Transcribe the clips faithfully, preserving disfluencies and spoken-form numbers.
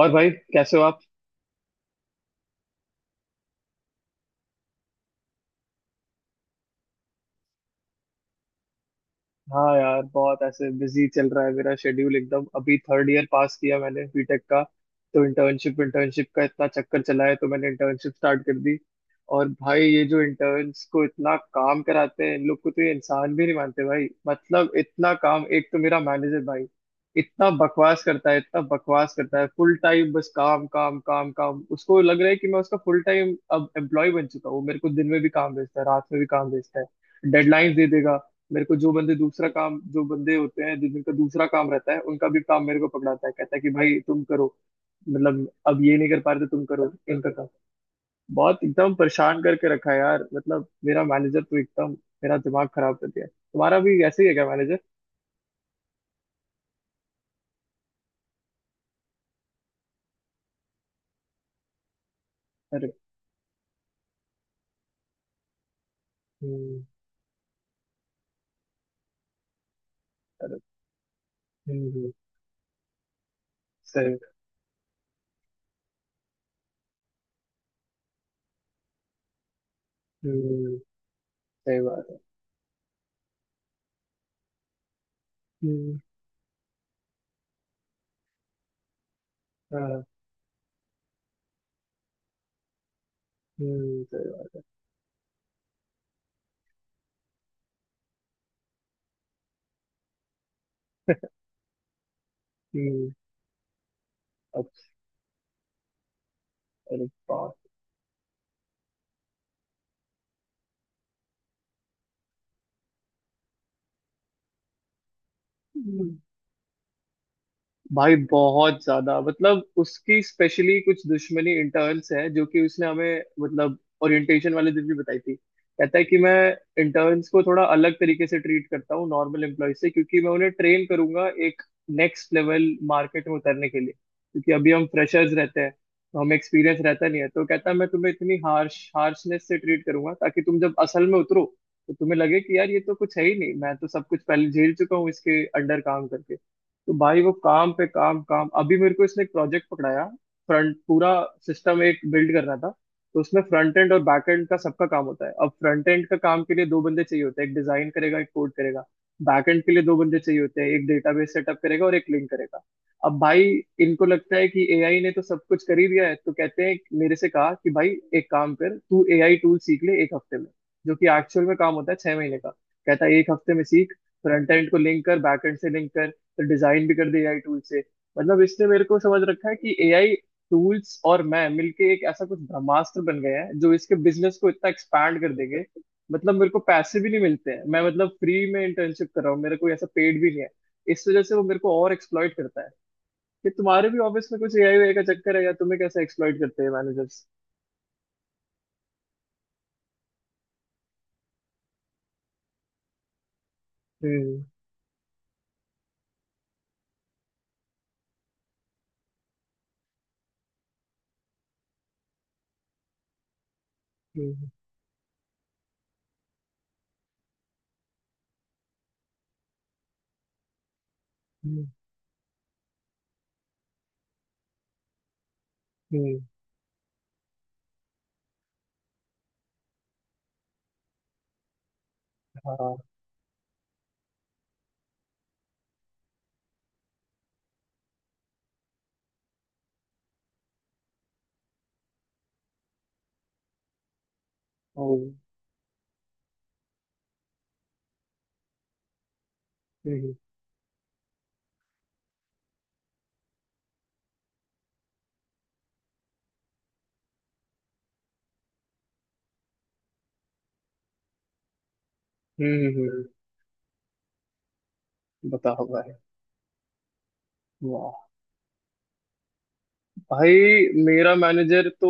और भाई, कैसे हो आप? हाँ यार, बहुत ऐसे बिजी चल रहा है मेरा शेड्यूल एकदम। अभी थर्ड ईयर पास किया मैंने बीटेक का, तो इंटर्नशिप इंटर्नशिप का इतना चक्कर चला है तो मैंने इंटर्नशिप स्टार्ट कर दी। और भाई, ये जो इंटर्न्स को इतना काम कराते हैं इन लोग को, तो ये इंसान भी नहीं मानते भाई। मतलब इतना काम, एक तो मेरा मैनेजर भाई इतना बकवास करता है, इतना बकवास करता है। फुल टाइम बस काम काम काम काम। उसको लग रहा है कि मैं उसका फुल टाइम अब एम्प्लॉय बन चुका हूँ। वो मेरे को दिन में भी काम भेजता है, रात में भी काम भेजता है, डेडलाइंस दे देगा। मेरे को जो बंदे दूसरा काम, जो बंदे होते हैं जिन- जिनका दूसरा काम रहता है, उनका भी काम मेरे को पकड़ाता है। कहता है कि भाई तुम करो, मतलब अब ये नहीं कर पा रहे तो तुम करो इनका काम। बहुत एकदम परेशान करके रखा है यार। मतलब मेरा मैनेजर तो एकदम मेरा दिमाग खराब कर दिया। तुम्हारा भी ऐसे ही है क्या मैनेजर? अरे हम्म। अरे हम्म। हम्म, सही। हम्म, सही बात है। हम्म। हाँ, हम्म, सही बात। हम्म। अच्छा। अरे बाप। हम्म। भाई बहुत ज्यादा, मतलब उसकी स्पेशली कुछ दुश्मनी इंटर्न्स है, जो कि उसने हमें मतलब ओरिएंटेशन वाले दिन भी बताई थी। कहता है कि मैं इंटर्न्स को थोड़ा अलग तरीके से ट्रीट करता हूँ नॉर्मल एम्प्लॉय से, क्योंकि मैं उन्हें ट्रेन करूंगा एक नेक्स्ट लेवल मार्केट में उतरने के लिए। क्योंकि अभी हम फ्रेशर्स रहते हैं तो हमें एक्सपीरियंस रहता नहीं है, तो कहता है मैं तुम्हें इतनी हार्श हार्शनेस से ट्रीट करूंगा ताकि तुम जब असल में उतरो तो तुम्हें लगे कि यार, ये तो कुछ है ही नहीं, मैं तो सब कुछ पहले झेल चुका हूँ इसके अंडर काम करके। तो भाई, वो काम पे काम काम। अभी मेरे को इसने एक प्रोजेक्ट पकड़ाया, फ्रंट पूरा सिस्टम एक बिल्ड करना था। तो उसमें फ्रंट एंड और बैक एंड का सबका काम होता है। अब फ्रंट एंड का काम के लिए दो बंदे चाहिए होते हैं, एक डिजाइन करेगा एक कोड करेगा। बैक एंड के लिए दो बंदे चाहिए होते हैं, एक डेटाबेस सेटअप करेगा और एक लिंक करेगा। अब भाई, इनको लगता है कि एआई ने तो सब कुछ कर ही दिया है, तो कहते हैं, मेरे से कहा कि भाई एक काम कर, तू एआई टूल सीख ले एक हफ्ते में, जो कि एक्चुअल में काम होता है छह महीने का। कहता है एक हफ्ते में सीख, फ्रंट एंड को लिंक कर, बैक एंड से लिंक कर, डिजाइन भी कर दी एआई टूल से। मतलब इसने मेरे को समझ रखा है कि एआई टूल्स और मैं मिलके एक ऐसा कुछ ब्रह्मास्त्र बन गए हैं जो इसके बिजनेस को इतना एक्सपैंड कर देंगे। मतलब मेरे को पैसे भी नहीं मिलते हैं, मैं मतलब फ्री में इंटर्नशिप कर रहा हूँ, मेरा कोई ऐसा पेड भी नहीं है। इस वजह से वो मेरे को और एक्सप्लॉइट करता है। कि तुम्हारे भी ऑफिस में कुछ एआई वाई का चक्कर है, या तुम्हें कैसे एक्सप्लॉइट करते हैं मैनेजर्स? हम्म हम्म। हम्म। हम्म, हाँ। ओ, हम्म। हम्म। हम्म, हम्म, बताओ भाई। वाह। भाई, मेरा मैनेजर तो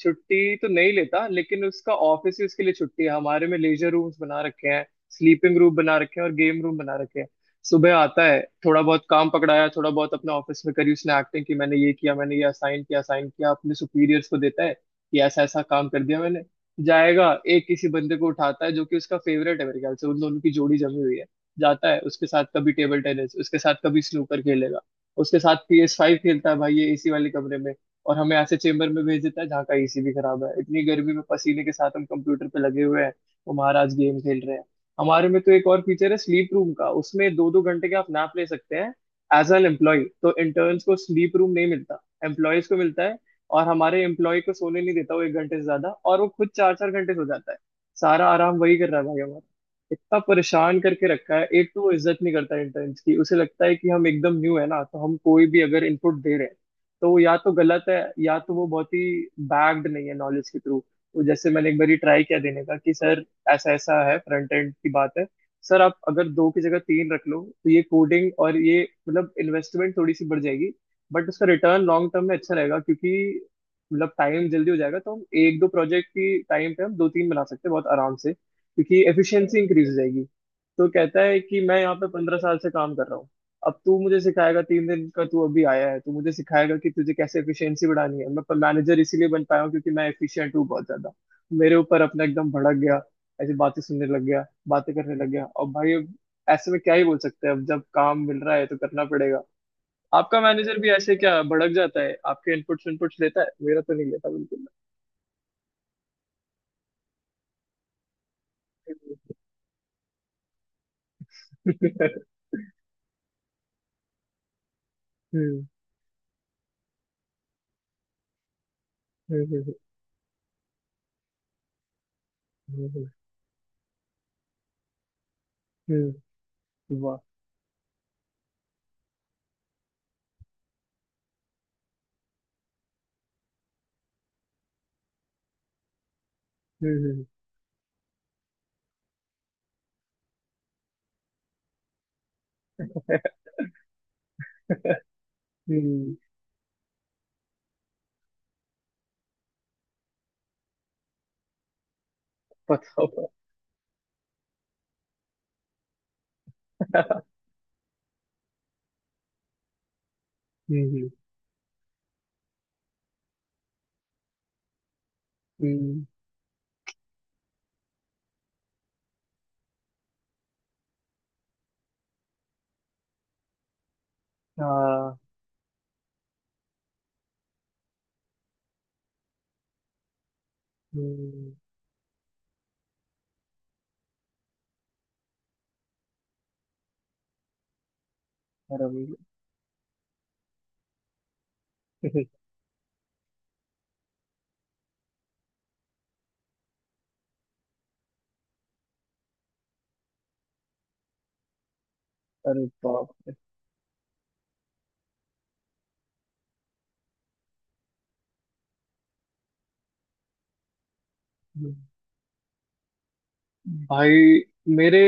छुट्टी तो नहीं लेता, लेकिन उसका ऑफिस ही उसके लिए छुट्टी है। हमारे में लेजर रूम्स बना रखे हैं, स्लीपिंग रूम बना रखे हैं और गेम रूम बना रखे हैं। सुबह आता है, थोड़ा बहुत काम पकड़ाया, थोड़ा बहुत अपने ऑफिस में करी उसने एक्टिंग की, मैंने ये किया, मैंने ये असाइन किया, असाइन किया, अपने सुपीरियर्स को देता है कि ऐसा ऐसा काम कर दिया मैंने। जाएगा, एक किसी बंदे को उठाता है जो कि उसका फेवरेट है, मेरे ख्याल से उन दोनों की जोड़ी जमी हुई है। जाता है उसके साथ, कभी टेबल टेनिस उसके साथ, कभी स्नूकर खेलेगा उसके साथ, पी एस फ़ाइव खेलता है भाई ये, एसी वाले कमरे में। और हमें ऐसे चेम्बर में भेज देता है जहाँ का एसी भी खराब है। इतनी गर्मी में पसीने के साथ हम कंप्यूटर पे लगे हुए हैं, वो महाराज गेम खेल रहे हैं। हमारे में तो एक और फीचर है, स्लीप रूम का, उसमें दो दो घंटे का आप नैप ले सकते हैं। एज एन एम्प्लॉय, तो इंटर्न्स को स्लीप रूम नहीं मिलता, एम्प्लॉयज को मिलता है। और हमारे एम्प्लॉय को सोने नहीं देता वो एक घंटे से ज्यादा, और वो खुद चार चार घंटे सो जाता है। सारा आराम वही कर रहा है भाई हमारा। इतना परेशान करके रखा है। एक तो वो इज्जत नहीं करता इंटर्न्स की, उसे लगता है कि हम एकदम न्यू है ना, तो हम कोई भी अगर इनपुट दे रहे हैं तो वो या तो गलत है या तो वो बहुत ही बैग्ड नहीं है नॉलेज के थ्रू। तो जैसे मैंने एक बार ट्राई किया देने का, कि सर ऐसा ऐसा है, फ्रंट एंड की बात है, सर आप अगर दो की जगह तीन रख लो तो ये कोडिंग और ये, मतलब इन्वेस्टमेंट थोड़ी सी बढ़ जाएगी बट उसका रिटर्न लॉन्ग टर्म में अच्छा रहेगा। क्योंकि मतलब टाइम जल्दी हो जाएगा, तो हम एक दो प्रोजेक्ट की टाइम पे हम दो तीन बना सकते हैं बहुत आराम से, क्योंकि एफिशिएंसी इंक्रीज हो जाएगी। तो कहता है कि मैं यहाँ पे पंद्रह साल से काम कर रहा हूँ, अब तू मुझे सिखाएगा? तीन दिन का तू अभी आया है, तू मुझे सिखाएगा कि तुझे कैसे एफिशिएंसी बढ़ानी है? मैं मैनेजर इसीलिए बन पाया हूँ क्योंकि मैं एफिशिएंट हूँ बहुत ज्यादा। मेरे ऊपर अपना एकदम भड़क गया, ऐसी बातें सुनने लग गया, बातें करने लग गया। और भाई अब ऐसे में क्या ही बोल सकते हैं, अब जब काम मिल रहा है तो करना पड़ेगा। आपका मैनेजर भी ऐसे क्या भड़क जाता है? आपके इनपुट्स इनपुट्स लेता है? मेरा तो नहीं लेता बिल्कुल। हम्म। हम्म। हम्म। हम्म। हम्म। वाह। हम्म। हम्म। हम्म, बताओ। हम्म। हम्म। हम्म। हाँ। हम्म। अरे। अरे बाप। हम्म। भाई मेरे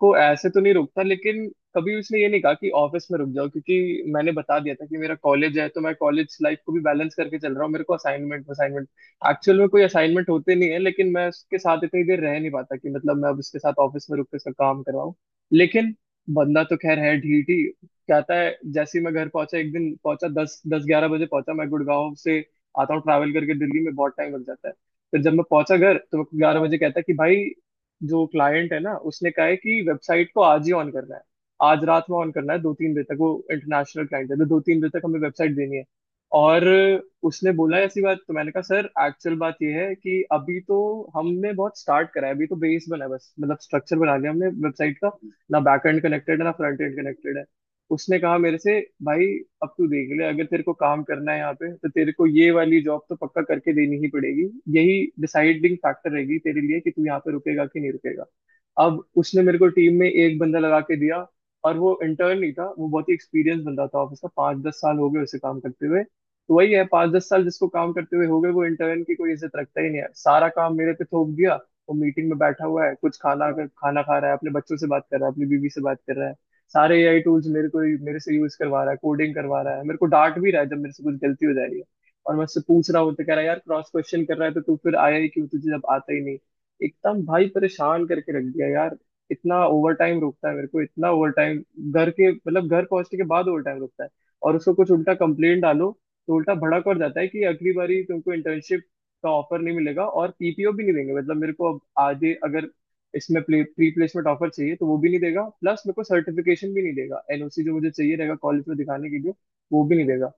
को ऐसे तो नहीं रोकता, लेकिन कभी उसने ये नहीं कहा कि ऑफिस में रुक जाओ, क्योंकि मैंने बता दिया था कि मेरा कॉलेज है, तो मैं कॉलेज लाइफ को भी बैलेंस करके चल रहा हूँ। मेरे को असाइनमेंट असाइनमेंट, एक्चुअल में कोई असाइनमेंट होते नहीं है, लेकिन मैं उसके साथ इतनी देर रह नहीं पाता कि मतलब मैं अब उसके साथ ऑफिस में रुक के उसका काम करवाऊँ। लेकिन बंदा तो खैर है ढीठ ही। कहता है, जैसे ही मैं घर पहुंचा, एक दिन पहुंचा दस दस ग्यारह बजे पहुंचा, मैं गुड़गांव से आता हूँ ट्रैवल करके, दिल्ली में बहुत टाइम लग जाता है। फिर जब मैं पहुंचा घर तो मेरे को ग्यारह बजे कहता है कि भाई, जो क्लाइंट है ना उसने कहा है कि वेबसाइट को आज ही ऑन करना है, आज रात में ऑन करना है, दो तीन बजे तक, वो इंटरनेशनल क्लाइंट है तो दो तीन बजे तक हमें वेबसाइट देनी है। और उसने बोला ऐसी बात, तो मैंने कहा सर एक्चुअल बात ये है कि अभी तो हमने बहुत स्टार्ट करा है, अभी तो बेस बना है बस, मतलब स्ट्रक्चर बना लिया हमने वेबसाइट का, ना बैक एंड कनेक्टेड है ना फ्रंट एंड कनेक्टेड है। उसने कहा मेरे से, भाई अब तू देख ले, अगर तेरे को काम करना है यहाँ पे तो तेरे को ये वाली जॉब तो पक्का करके देनी ही पड़ेगी, यही डिसाइडिंग फैक्टर रहेगी तेरे लिए कि तू यहाँ पे रुकेगा कि नहीं रुकेगा। अब उसने मेरे को टीम में एक बंदा लगा के दिया, और वो इंटर्न नहीं था, वो बहुत ही एक्सपीरियंस बंदा था ऑफिस का, पाँच दस साल हो गए उसे काम करते हुए। तो वही है, पाँच दस साल जिसको काम करते हुए हो गए वो इंटर्न की कोई इज्जत रखता ही नहीं है, सारा काम मेरे पे थोप दिया। वो मीटिंग में बैठा हुआ है, कुछ खाना खाना खा रहा है, अपने बच्चों से बात कर रहा है, अपनी बीवी से बात कर रहा है। सारे एआई टूल्स मेरे को, मेरे से यूज करवा रहा है, कोडिंग करवा रहा है, मेरे को डांट भी रहा है जब मेरे से कुछ गलती हो जा रही है। और मैं उससे पूछ रहा हूँ तो कह रहा है यार क्रॉस क्वेश्चन कर रहा है तो तू फिर आया ही क्यों, तुझे जब आता ही नहीं। एकदम भाई परेशान करके रख दिया यार। इतना ओवर टाइम रुकता है मेरे को, इतना ओवर टाइम, घर के मतलब घर पहुंचने के बाद ओवर टाइम रुकता है। और उसको कुछ उल्टा कंप्लेंट डालो तो उल्टा भड़क और जाता है कि अगली बारी तुमको इंटर्नशिप का ऑफर नहीं मिलेगा, और पीपीओ भी नहीं देंगे। मतलब मेरे को अब आगे अगर इसमें प्ले, प्री प्लेसमेंट ऑफर चाहिए तो वो भी नहीं देगा, प्लस मेरे को सर्टिफिकेशन भी नहीं देगा, एनओसी जो मुझे चाहिए रहेगा कॉलेज में दिखाने के लिए, वो भी नहीं देगा।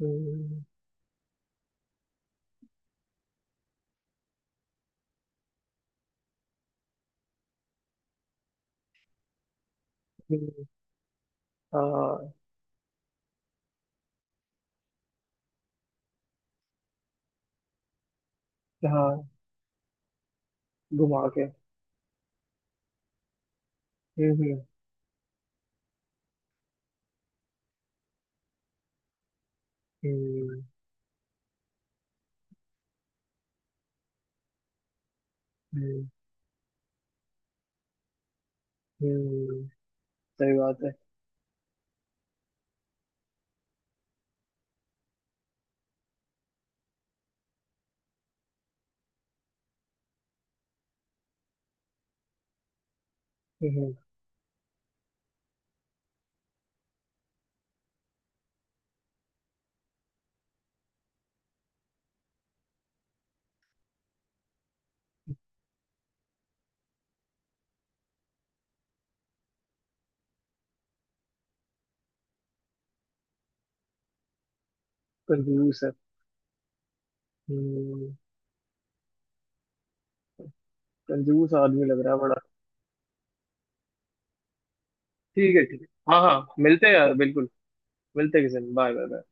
हम्म, हम्म। हाँ हाँ। घुमा के। हम्म हम्म। हम्म, हम्म। हम्म, सही बात है। हम्म, कंजूस है। हम्म, कंजूस आदमी लग रहा है बड़ा। ठीक है, ठीक है। हाँ हाँ, मिलते हैं यार, बिल्कुल। मिलते हैं किसी दिन, बाय बाय।